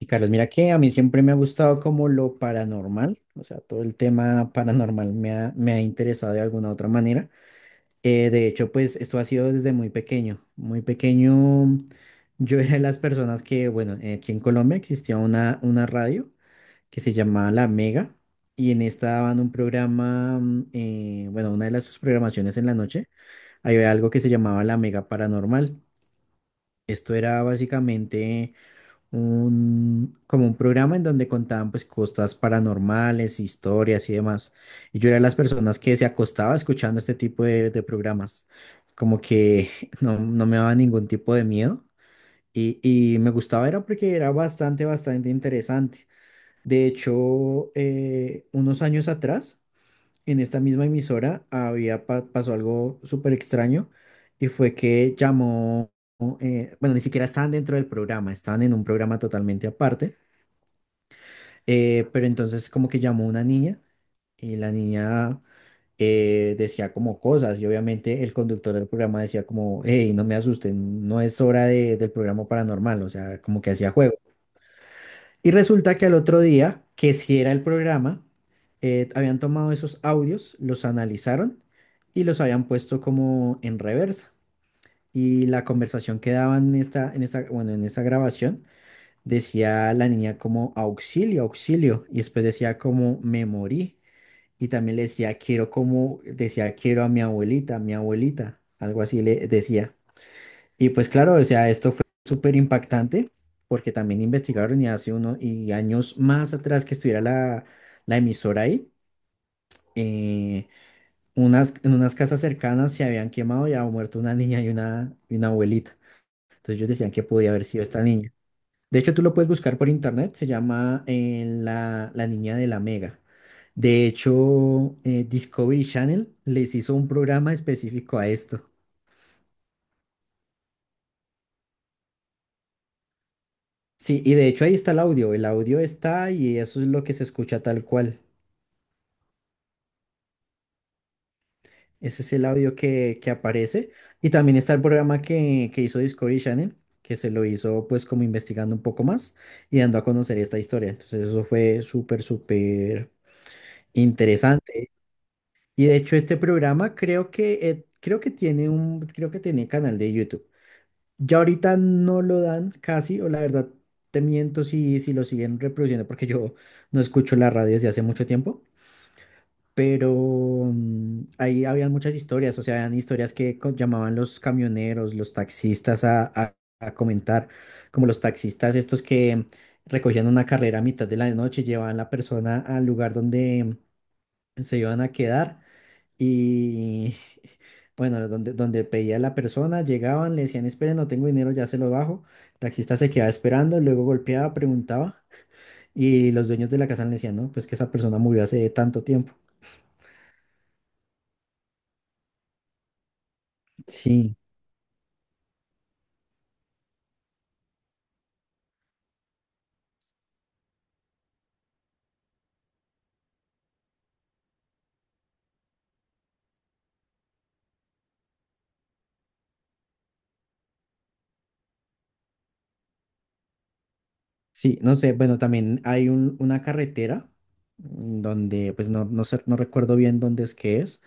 Y Carlos, mira que a mí siempre me ha gustado como lo paranormal, o sea, todo el tema paranormal me ha interesado de alguna otra manera. De hecho, pues esto ha sido desde muy pequeño. Muy pequeño, yo era de las personas que, bueno, aquí en Colombia existía una radio que se llamaba La Mega y en esta daban un programa, bueno, una de las sus programaciones en la noche, había algo que se llamaba La Mega Paranormal. Esto era básicamente como un programa en donde contaban pues cosas paranormales, historias y demás. Y yo era de las personas que se acostaba escuchando este tipo de programas, como que no me daba ningún tipo de miedo y, y me gustaba era porque era bastante interesante. De hecho, unos años atrás, en esta misma emisora había pasó algo súper extraño y fue que llamó, bueno, ni siquiera estaban dentro del programa, estaban en un programa totalmente aparte, pero entonces como que llamó una niña y la niña decía como cosas y obviamente el conductor del programa decía como, hey, no me asusten, no es hora del programa paranormal, o sea, como que hacía juego. Y resulta que al otro día, que si era el programa, habían tomado esos audios, los analizaron y los habían puesto como en reversa. Y la conversación que daban bueno, en esa grabación decía la niña como auxilio, auxilio. Y después decía como me morí. Y también le decía quiero como, decía quiero a mi abuelita, mi abuelita. Algo así le decía. Y pues claro, o sea, esto fue súper impactante porque también investigaron y hace uno y años más atrás que estuviera la emisora ahí, eh, en unas casas cercanas se habían quemado y había muerto una niña y y una abuelita. Entonces ellos decían que podía haber sido esta niña. De hecho, tú lo puedes buscar por internet, se llama la niña de la Mega. De hecho, Discovery Channel les hizo un programa específico a esto. Sí, y de hecho ahí está el audio está y eso es lo que se escucha tal cual. Ese es el audio que aparece. Y también está el programa que hizo Discovery Channel, que se lo hizo pues como investigando un poco más y dando a conocer esta historia. Entonces eso fue súper, súper interesante. Y de hecho este programa creo que tiene un, creo que tiene canal de YouTube. Ya ahorita no lo dan casi, o la verdad te miento si lo siguen reproduciendo porque yo no escucho la radio desde hace mucho tiempo pero mm, ahí habían muchas historias, o sea, habían historias que llamaban los camioneros, los taxistas a comentar, como los taxistas estos que recogían una carrera a mitad de la noche, llevaban la persona al lugar donde se iban a quedar y, bueno, donde pedía la persona, llegaban, le decían, esperen, no tengo dinero, ya se lo bajo, el taxista se quedaba esperando, luego golpeaba, preguntaba. Y los dueños de la casa le decían, no, pues que esa persona murió hace tanto tiempo. Sí. Sí, no sé, bueno, también hay una carretera mm, donde, pues no, no sé, no recuerdo bien dónde es,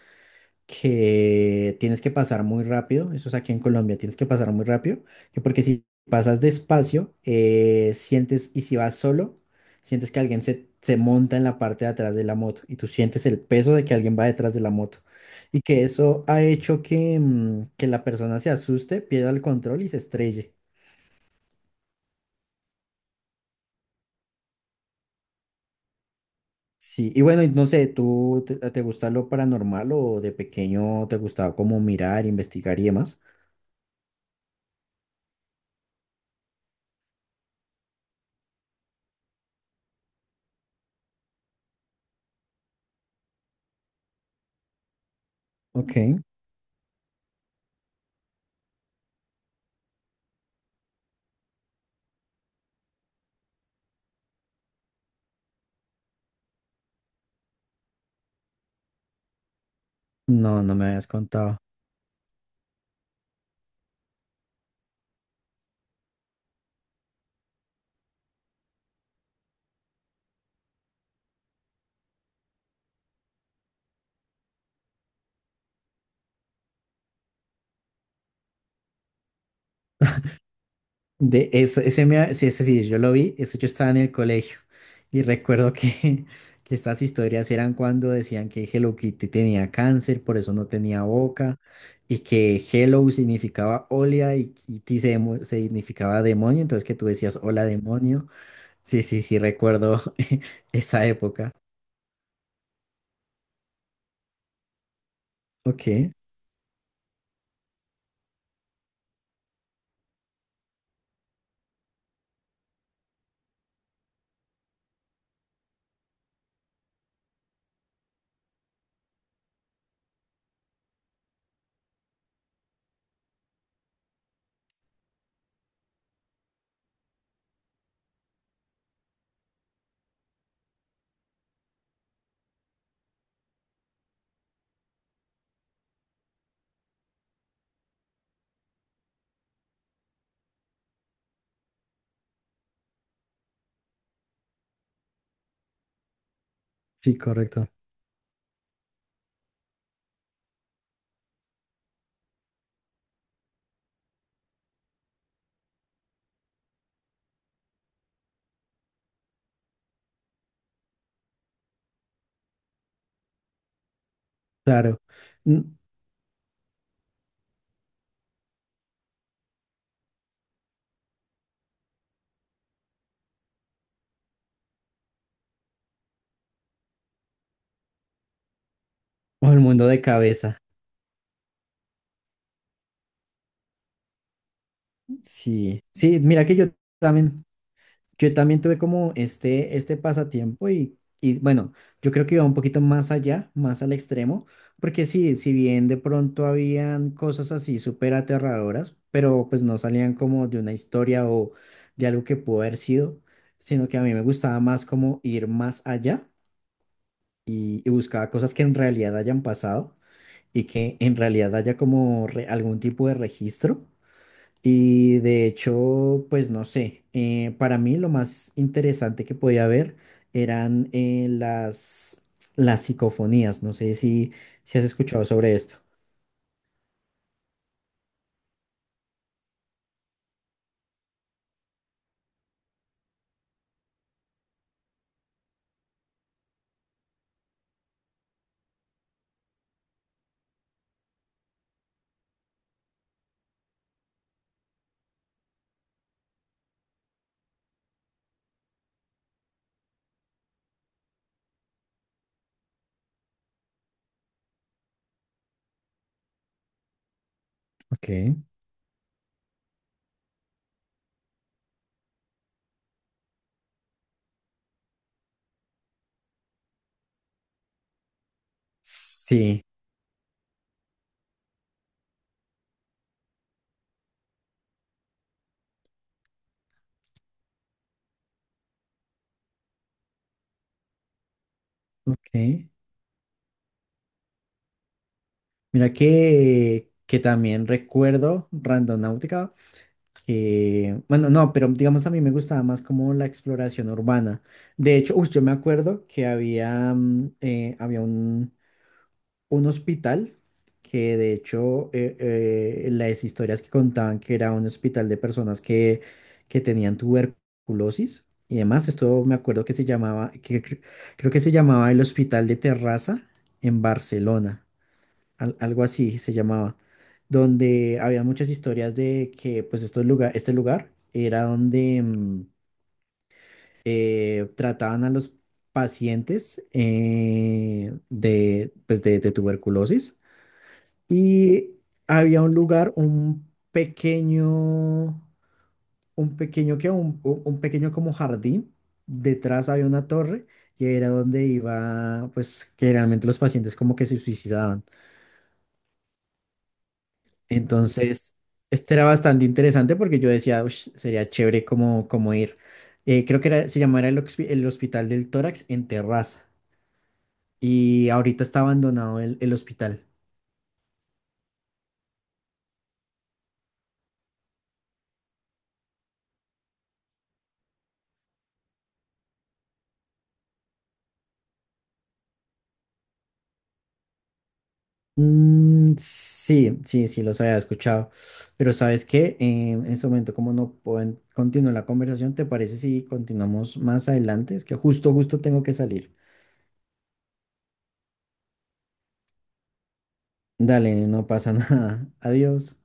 que tienes que pasar muy rápido, eso es aquí en Colombia, tienes que pasar muy rápido, que porque si pasas despacio, sientes, y si vas solo, sientes que alguien se monta en la parte de atrás de la moto y tú sientes el peso de que alguien va detrás de la moto y que eso ha hecho que, que la persona se asuste, pierda el control y se estrelle. Sí, y bueno, y no sé, ¿tú te gusta lo paranormal o de pequeño te gustaba como mirar, investigar y demás? Ok, no, no me habías contado. De eso, sí, ese sí, yo lo vi, eso yo estaba en el colegio y recuerdo que, que estas historias eran cuando decían que Hello Kitty tenía cáncer, por eso no tenía boca, y que Hello significaba hola y Kitty significaba demonio, entonces que tú decías hola demonio. Sí, sí, sí, recuerdo esa época. Ok. Sí, correcto. Claro. Mm, O el mundo de cabeza. Sí. Sí, mira que también, yo también tuve como este pasatiempo y bueno, yo creo que iba un poquito más allá, más al extremo, porque sí, si bien de pronto habían cosas así súper aterradoras, pero pues no salían como de una historia o de algo que pudo haber sido, sino que a mí me gustaba más como ir más allá y buscaba cosas que en realidad hayan pasado y que en realidad haya como algún tipo de registro. Y de hecho, pues no sé, para mí lo más interesante que podía ver eran las psicofonías. No sé si, si has escuchado sobre esto. Ok, sí, ok. Mira que también recuerdo Randonáutica que, bueno, no, pero digamos a mí me gustaba más como la exploración urbana. De hecho, uy, yo me acuerdo que había, había un hospital que de hecho las historias que contaban que era un hospital de personas que tenían tuberculosis y demás, esto me acuerdo que se llamaba, que, creo que se llamaba el Hospital de Terraza en Barcelona algo así se llamaba, donde había muchas historias de que pues estos lugar, este lugar era donde trataban a los pacientes pues de tuberculosis y había un lugar, un pequeño que un pequeño como jardín, detrás había una torre y era donde iba pues que realmente los pacientes como que se suicidaban. Entonces, este era bastante interesante porque yo decía, "Ush, sería chévere como, como ir. Creo que se llamaba el Hospital del Tórax en Terraza y ahorita está abandonado el hospital. Mm, sí, sí, sí, los había escuchado. Pero ¿sabes qué? En este momento, como no pueden continuar la conversación, ¿te parece si continuamos más adelante? Es que justo, justo tengo que salir. Dale, no pasa nada. Adiós.